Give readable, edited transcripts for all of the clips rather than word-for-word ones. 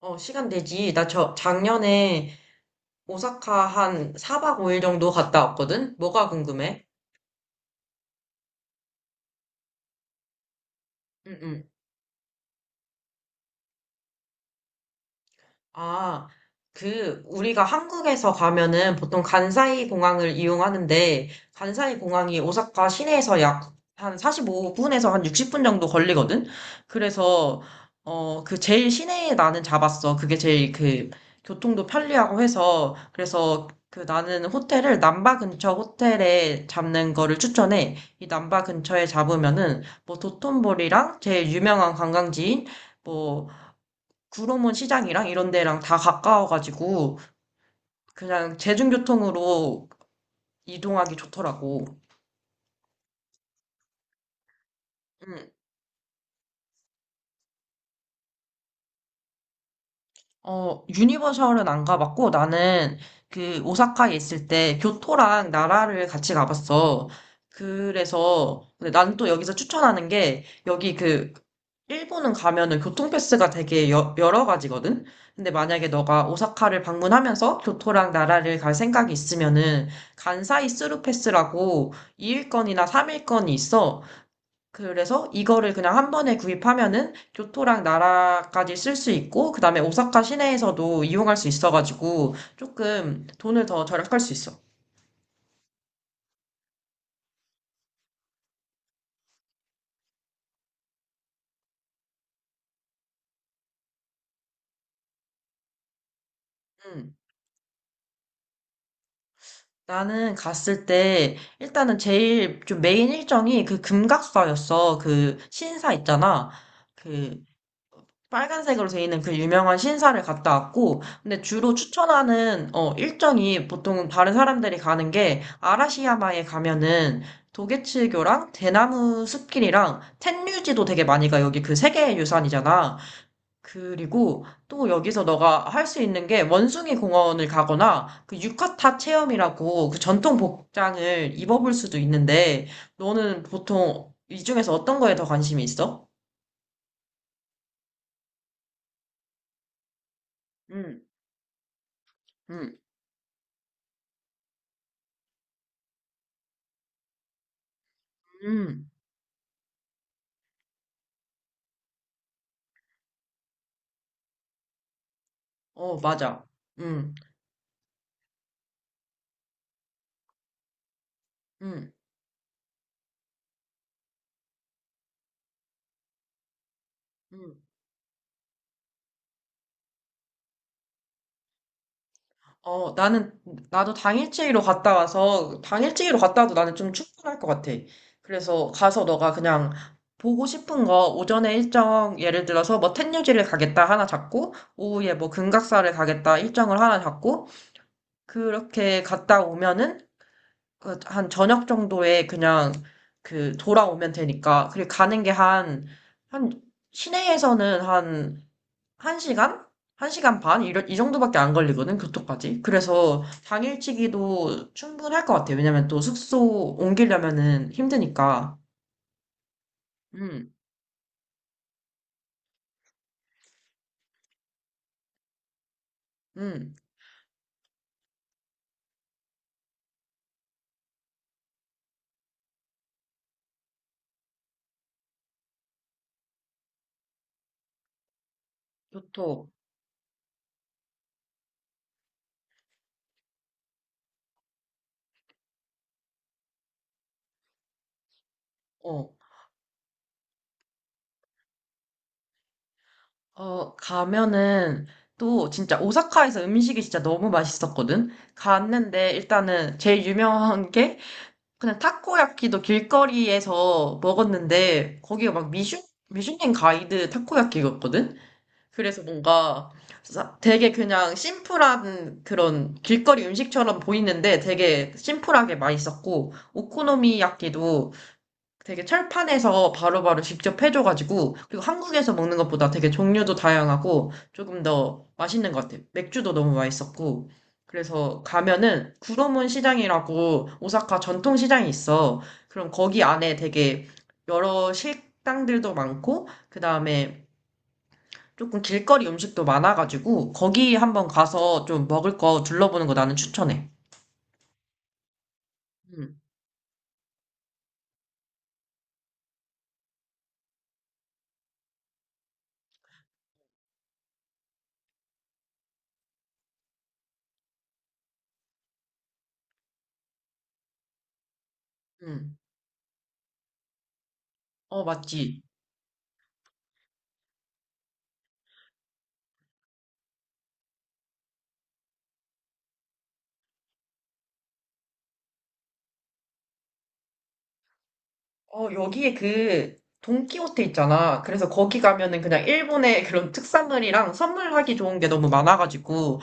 시간 되지. 나 작년에 오사카 한 4박 5일 정도 갔다 왔거든? 뭐가 궁금해? 응, 응. 아, 그, 우리가 한국에서 가면은 보통 간사이 공항을 이용하는데, 간사이 공항이 오사카 시내에서 약 한 45분에서 한 60분 정도 걸리거든? 그래서, 그 제일 시내에 나는 잡았어. 그게 제일 그, 교통도 편리하고 해서, 그래서 그 나는 호텔을 남바 근처 호텔에 잡는 거를 추천해. 이 남바 근처에 잡으면은, 뭐 도톤보리랑 제일 유명한 관광지인, 뭐 구로문 시장이랑 이런 데랑 다 가까워가지고 그냥 대중교통으로 이동하기 좋더라고. 응. 유니버셜은 안 가봤고, 나는 그 오사카에 있을 때 교토랑 나라를 같이 가봤어. 그래서, 근데 나는 또 여기서 추천하는 게, 여기 그, 일본은 가면은 교통패스가 되게 여러 가지거든? 근데 만약에 너가 오사카를 방문하면서 교토랑 나라를 갈 생각이 있으면은, 간사이 스루 패스라고 2일권이나 3일권이 있어. 그래서 이거를 그냥 한 번에 구입하면은 교토랑 나라까지 쓸 수 있고, 그 다음에 오사카 시내에서도 이용할 수 있어가지고, 조금 돈을 더 절약할 수 있어. 음, 나는 갔을 때, 일단은 제일 좀 메인 일정이 그 금각사였어. 그 신사 있잖아. 그 빨간색으로 돼 있는 그 유명한 신사를 갔다 왔고, 근데 주로 추천하는, 일정이 보통 다른 사람들이 가는 게, 아라시야마에 가면은, 도게츠교랑 대나무 숲길이랑 텐류지도 되게 많이 가. 여기 그 세계 유산이잖아. 그리고 또 여기서 너가 할 수 있는 게 원숭이 공원을 가거나 그 유카타 체험이라고 그 전통 복장을 입어볼 수도 있는데 너는 보통 이 중에서 어떤 거에 더 관심이 있어? 음, 음, 음. 어, 맞아. 응, 응, 응. 어, 나는, 나도 당일치기로 갔다 와서, 당일치기로 갔다 와도 나는 좀 충분할 것 같아. 그래서 가서 너가 그냥 보고 싶은 거, 오전에 일정, 예를 들어서 뭐 텐유지를 가겠다 하나 잡고, 오후에 뭐 금각사를 가겠다 일정을 하나 잡고, 그렇게 갔다 오면은, 그한 저녁 정도에 그냥 그 돌아오면 되니까, 그리고 가는 게 한, 시내에서는 한 1시간? 1시간 반? 이 정도밖에 안 걸리거든, 교토까지. 그래서 당일치기도 충분할 것 같아. 왜냐면 또 숙소 옮기려면은 힘드니까. 음, 음, 교토. 어, 가면은 또 진짜 오사카에서 음식이 진짜 너무 맛있었거든? 갔는데 일단은 제일 유명한 게 그냥 타코야키도 길거리에서 먹었는데 거기가 막 미슐랭 가이드 타코야키였거든? 그래서 뭔가 되게 그냥 심플한 그런 길거리 음식처럼 보이는데 되게 심플하게 맛있었고, 오코노미야끼도 되게 철판에서 바로바로 직접 해줘가지고, 그리고 한국에서 먹는 것보다 되게 종류도 다양하고, 조금 더 맛있는 것 같아요. 맥주도 너무 맛있었고, 그래서 가면은 구로문 시장이라고 오사카 전통 시장이 있어. 그럼 거기 안에 되게 여러 식당들도 많고, 그 다음에 조금 길거리 음식도 많아가지고 거기 한번 가서 좀 먹을 거 둘러보는 거 나는 추천해. 음, 음. 어, 맞지. 여기에 그 돈키호테 있잖아. 그래서 거기 가면은 그냥 일본의 그런 특산물이랑 선물하기 좋은 게 너무 많아가지고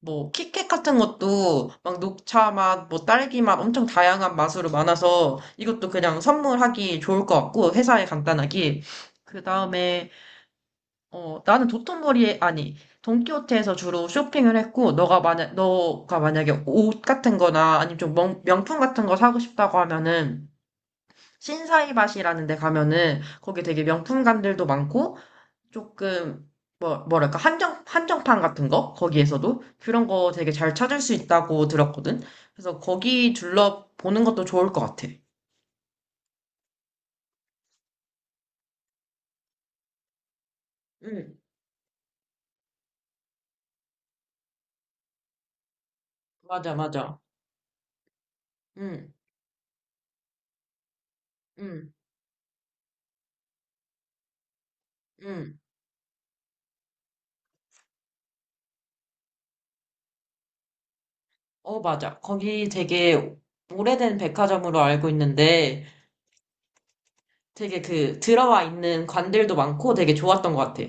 뭐 키캣 같은 것도 막 녹차 맛, 뭐 딸기 맛 엄청 다양한 맛으로 많아서 이것도 그냥 선물하기 좋을 것 같고 회사에 간단하게 그 다음에 나는 도톤보리에, 아니, 돈키호테에서 주로 쇼핑을 했고, 너가 만약에 옷 같은 거나 아니면 좀 명품 같은 거 사고 싶다고 하면은, 신사이밭이라는 데 가면은, 거기 되게 명품관들도 많고, 조금, 뭐, 뭐랄까, 한정판 같은 거? 거기에서도? 그런 거 되게 잘 찾을 수 있다고 들었거든? 그래서 거기 둘러보는 것도 좋을 것 같아. 응, 맞아, 맞아. 응, 응, 응. 어, 맞아. 거기 되게 오래된 백화점으로 알고 있는데 되게 그 들어와 있는 관들도 많고 되게 좋았던 것 같아.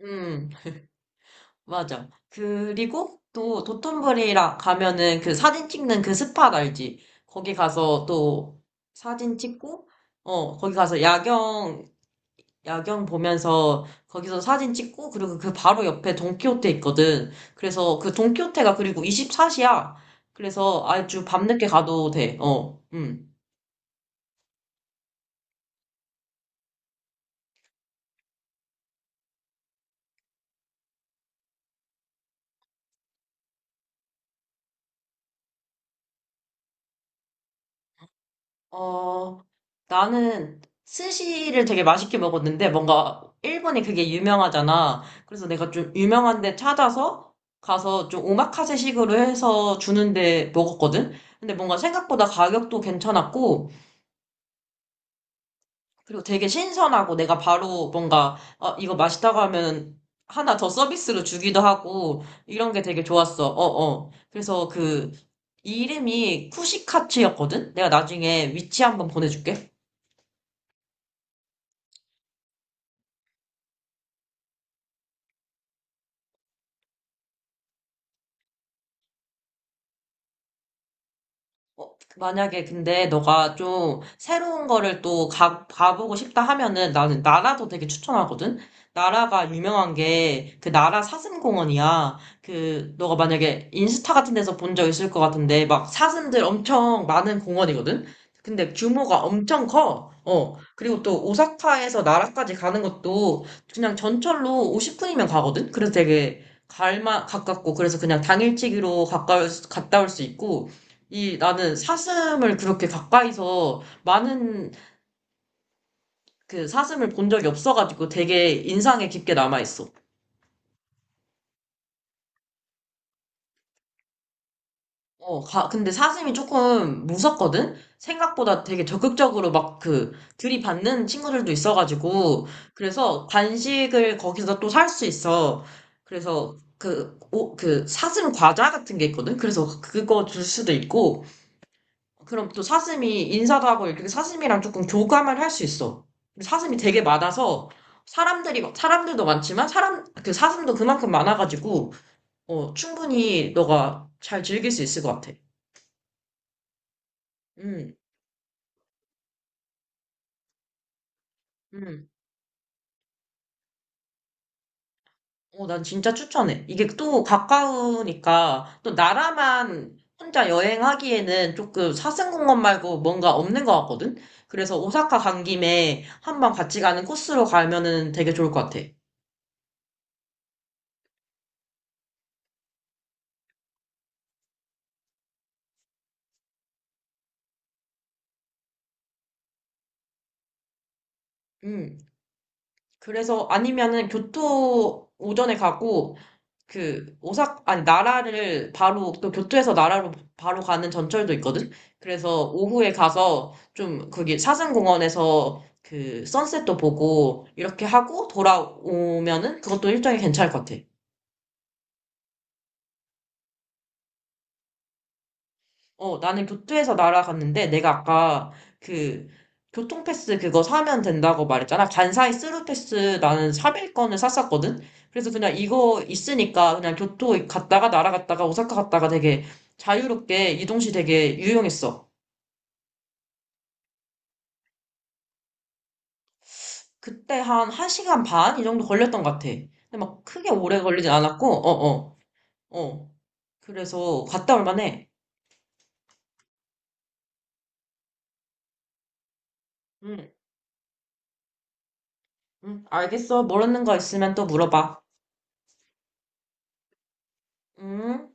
음, 맞아. 그리고 또 도톤부리라 가면은 그 사진 찍는 그 스팟 알지? 거기 가서 또 사진 찍고, 거기 가서 야경 보면서 거기서 사진 찍고, 그리고 그 바로 옆에 돈키호테 있거든. 그래서 그 돈키호테가 그리고 24시야. 그래서 아주 밤늦게 가도 돼. 어, 어, 나는 스시를 되게 맛있게 먹었는데 뭔가 일본이 그게 유명하잖아. 그래서 내가 좀 유명한 데 찾아서 가서 좀 오마카세 식으로 해서 주는데 먹었거든? 근데 뭔가 생각보다 가격도 괜찮았고, 그리고 되게 신선하고 내가 바로 뭔가, 이거 맛있다고 하면 하나 더 서비스로 주기도 하고, 이런 게 되게 좋았어. 어, 어. 그래서 그, 이름이 쿠시카츠였거든? 내가 나중에 위치 한번 보내줄게. 어, 만약에 근데 너가 좀 새로운 거를 또 가보고 싶다 하면은 나는 나라도 되게 추천하거든? 나라가 유명한 게 그 나라 사슴공원이야. 그, 너가 만약에 인스타 같은 데서 본 적 있을 것 같은데 막 사슴들 엄청 많은 공원이거든? 근데 규모가 엄청 커. 어. 그리고 또 오사카에서 나라까지 가는 것도 그냥 전철로 50분이면 가거든? 그래서 되게 갈만 가깝고 그래서 그냥 당일치기로 갔다 올 수 있고 이 나는 사슴을 그렇게 가까이서 많은 그 사슴을 본 적이 없어가지고 되게 인상에 깊게 남아있어. 근데 사슴이 조금 무섭거든? 생각보다 되게 적극적으로 막 그 들이받는 친구들도 있어가지고 그래서 간식을 거기서 또 살 수 있어. 그래서 그, 그 사슴 과자 같은 게 있거든? 그래서 그거 줄 수도 있고 그럼 또 사슴이 인사도 하고 이렇게 사슴이랑 조금 교감을 할 수 있어. 그리고 사슴이 되게 많아서 사람들이 사람들도 많지만 사람 그 사슴도 그만큼 많아가지고 충분히 너가 잘 즐길 수 있을 것 같아. 음, 음. 난 진짜 추천해. 이게 또 가까우니까 또 나라만 혼자 여행하기에는 조금 사슴공원 말고 뭔가 없는 것 같거든. 그래서 오사카 간 김에 한번 같이 가는 코스로 가면은 되게 좋을 것 같아. 음. 그래서 아니면은 교토 오전에 가고 그 오사 아니 나라를 바로 그 교토에서 나라로 바로 가는 전철도 있거든. 그래서 오후에 가서 좀 거기 사슴공원에서 그 선셋도 보고 이렇게 하고 돌아오면은 그것도 일정이 괜찮을 것 같아. 나는 교토에서 날아갔는데, 내가 아까 그 교통패스 그거 사면 된다고 말했잖아. 간사이 스루패스 나는 3일권을 샀었거든. 그래서 그냥 이거 있으니까 그냥 교토 갔다가 날아갔다가 오사카 갔다가 되게 자유롭게 이동시 되게 유용했어. 그때 한 1시간 반? 이 정도 걸렸던 것 같아. 근데 막 크게 오래 걸리진 않았고, 어, 어, 어. 그래서 갔다 올 만해. 응, 응, 알겠어. 모르는 거 있으면 또 물어봐. 응?